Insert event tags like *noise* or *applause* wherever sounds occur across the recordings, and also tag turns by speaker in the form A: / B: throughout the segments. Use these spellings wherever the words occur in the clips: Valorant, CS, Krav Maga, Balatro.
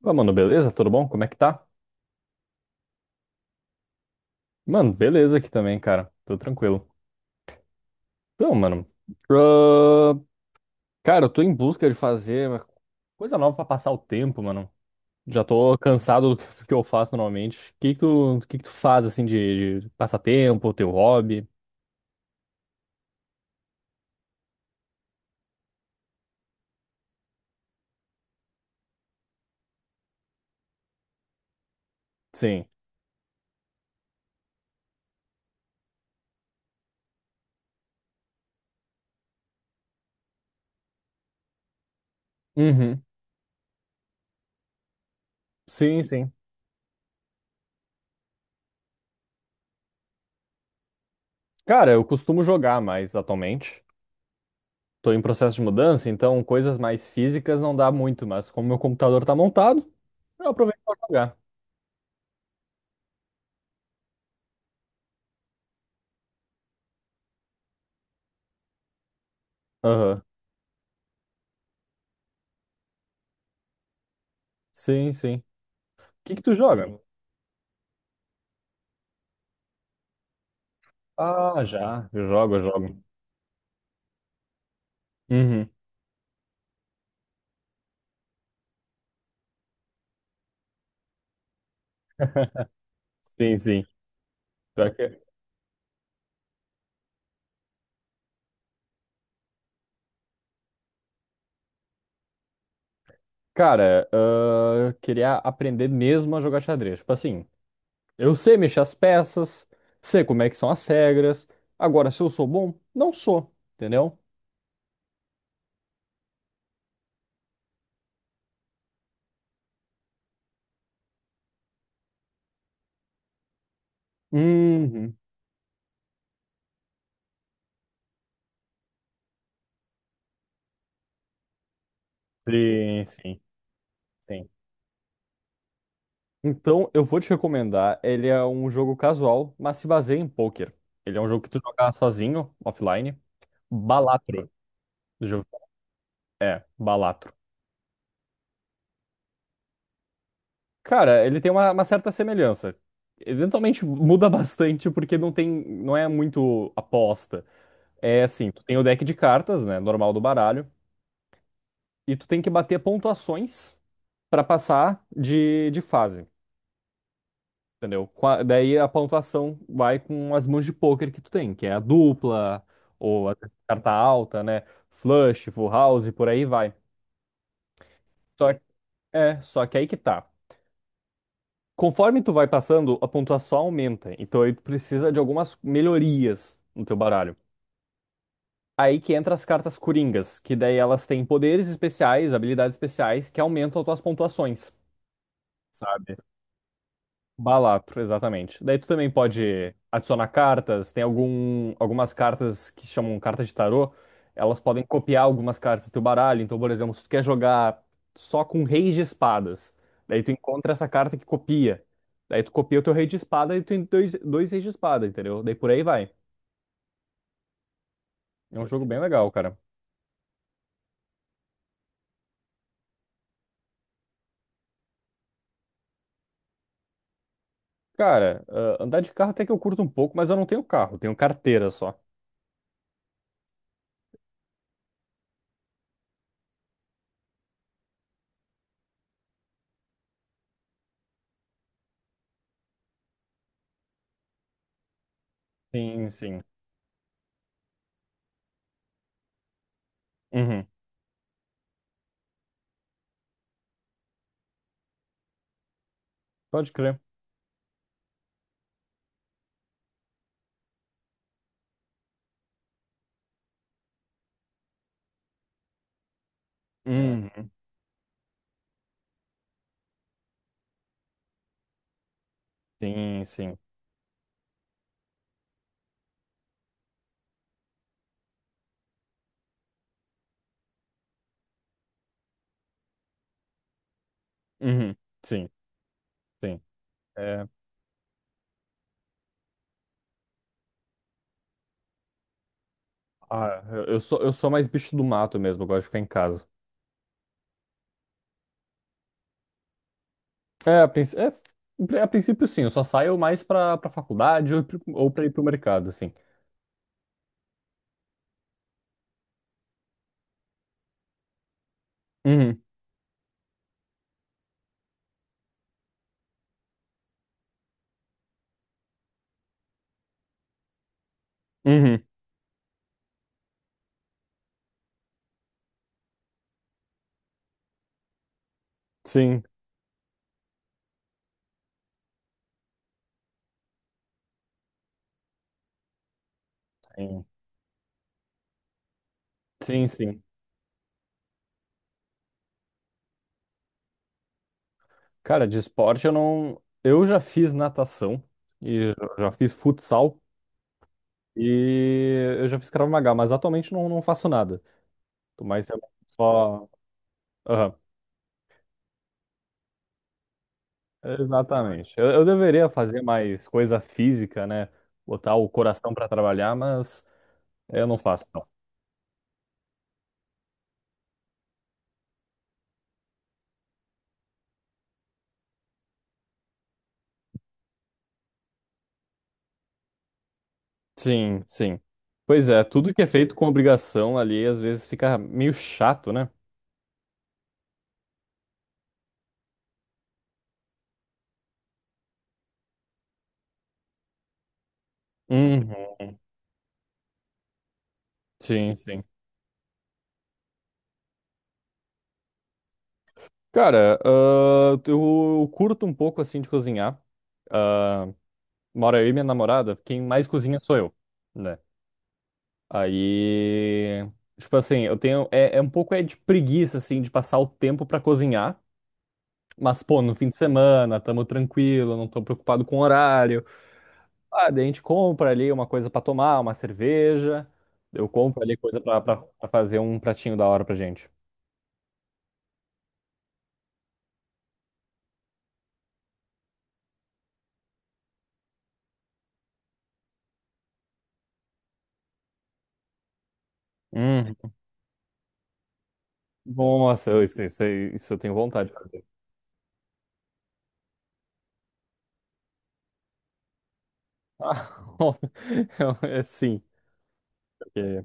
A: Fala, mano, beleza? Tudo bom? Como é que tá? Mano, beleza aqui também, cara. Tô tranquilo. Então, mano, ah, cara, eu tô em busca de fazer uma coisa nova pra passar o tempo, mano. Já tô cansado do que eu faço normalmente. O que que tu faz, assim, de passatempo, teu hobby? Sim. Uhum. Sim, sim. Cara, eu costumo jogar mais atualmente. Tô em processo de mudança, então coisas mais físicas não dá muito, mas como meu computador tá montado, eu aproveito pra jogar. Aham. Sim, sim. Que tu joga? Ah, já, eu jogo. Uhum. Sim, sim. Pior que- Cara, eu queria aprender mesmo a jogar xadrez. Tipo assim, eu sei mexer as peças, sei como é que são as regras. Agora, se eu sou bom, não sou, entendeu? Uhum. Sim, sim, sim. Então, eu vou te recomendar. Ele é um jogo casual, mas se baseia em poker. Ele é um jogo que tu joga sozinho, offline. Balatro. Já ouviu- falar? É, Balatro. Cara, ele tem uma certa semelhança. Eventualmente muda *laughs* bastante porque não é muito aposta. É assim, tu tem o deck de cartas, né, normal do baralho, e tu tem que bater pontuações pra passar de fase, entendeu? Daí a pontuação vai com as mãos de pôquer que tu tem, que é a dupla ou a carta alta, né, flush, full house, e por aí vai. Só, só que aí que tá. Conforme tu vai passando, a pontuação aumenta. Então aí tu precisa de algumas melhorias no teu baralho. Aí que entra as cartas coringas, que daí elas têm poderes especiais, habilidades especiais que aumentam as tuas pontuações, sabe? Balatro, exatamente. Daí tu também pode adicionar cartas, tem algumas cartas que se chamam cartas de tarô, elas podem copiar algumas cartas do teu baralho. Então, por exemplo, se tu quer jogar só com reis de espadas, daí tu encontra essa carta que copia. Daí tu copia o teu rei de espada e tu tem dois reis de espada, entendeu? Daí por aí vai. É um jogo bem legal, cara. Cara, andar de carro até que eu curto um pouco, mas eu não tenho carro, eu tenho carteira só. Sim, sim. Uhum. Pode crer. Uhum, sim, sim. Uhum, sim, sim. É, eu sou mais bicho do mato mesmo, eu gosto de ficar em casa. É, a, princ- é, é, a princípio sim, eu só saio mais pra faculdade ou pra ir pro mercado, assim. Uhum, uhum, sim, sim, sim, sim. Cara, de esporte eu não... Eu já fiz natação e já fiz futsal e eu já fiz Krav Maga, mas atualmente não, não faço nada. Tô mais realmente só... Exatamente. Eu deveria fazer mais coisa física, né? Botar o coração para trabalhar, mas eu não faço, não. Sim, sim. Pois é, tudo que é feito com obrigação ali às vezes fica meio chato, né? Uhum. Sim, sim. Cara, eu curto um pouco assim de cozinhar. Ah, mora eu e minha namorada, quem mais cozinha sou eu, né? Aí, tipo assim, eu tenho é um pouco é de preguiça assim de passar o tempo pra cozinhar. Mas, pô, no fim de semana, tamo tranquilo, não tô preocupado com o horário. Ah, daí a gente compra ali uma coisa pra tomar, uma cerveja. Eu compro ali coisa pra fazer um pratinho da hora pra gente. Hum, nossa, isso eu tenho vontade de fazer. Ah, *laughs* é sim, porque-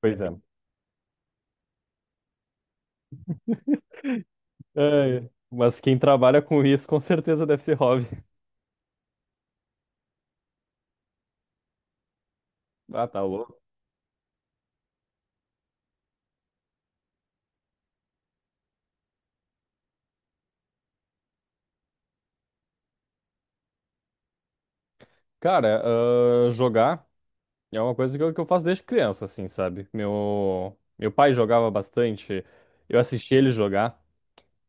A: pois é. É, mas quem trabalha com isso com certeza deve ser hobby. Ah, tá louco. Cara, jogar. É uma coisa que eu faço desde criança, assim, sabe? Meu pai jogava bastante, eu assisti ele jogar,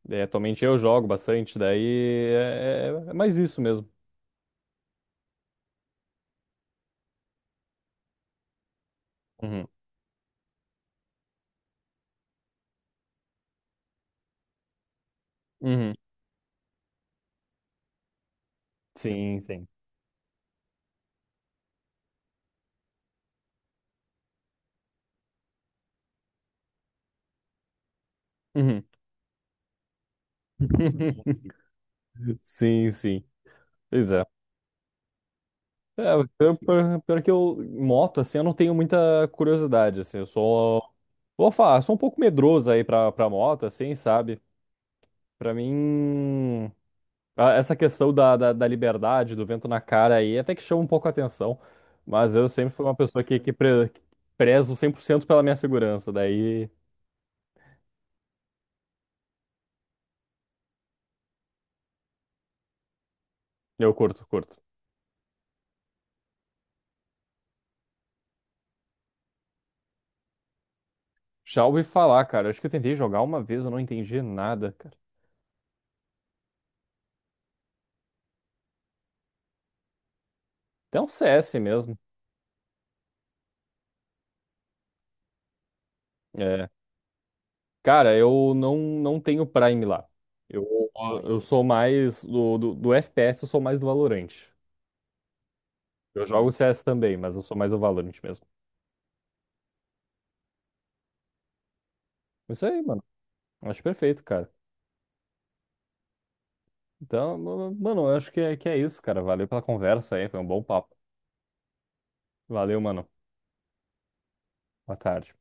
A: é, atualmente eu jogo bastante, daí é mais isso mesmo. Uhum. Uhum. Sim, sim. Uhum. *laughs* Sim, sim. Pois é. É, pior que eu, moto, assim, eu não tenho muita curiosidade, assim, eu sou, vou falar, sou um pouco medroso aí pra moto, assim, sabe? Pra mim. Ah, essa questão da liberdade, do vento na cara aí, até que chama um pouco a atenção. Mas eu sempre fui uma pessoa que prezo 100% pela minha segurança. Daí eu curto, curto. Já ouvi falar, cara. Acho que eu tentei jogar uma vez, eu não entendi nada, cara. Até um CS mesmo. É. Cara, eu não, não tenho Prime lá. Eu, eu sou mais do, do FPS, eu sou mais do Valorant. Eu jogo CS também, mas eu sou mais do Valorant mesmo. Isso aí, mano. Acho perfeito, cara. Então, mano, eu acho que é isso, cara. Valeu pela conversa aí, foi um bom papo. Valeu, mano. Boa tarde.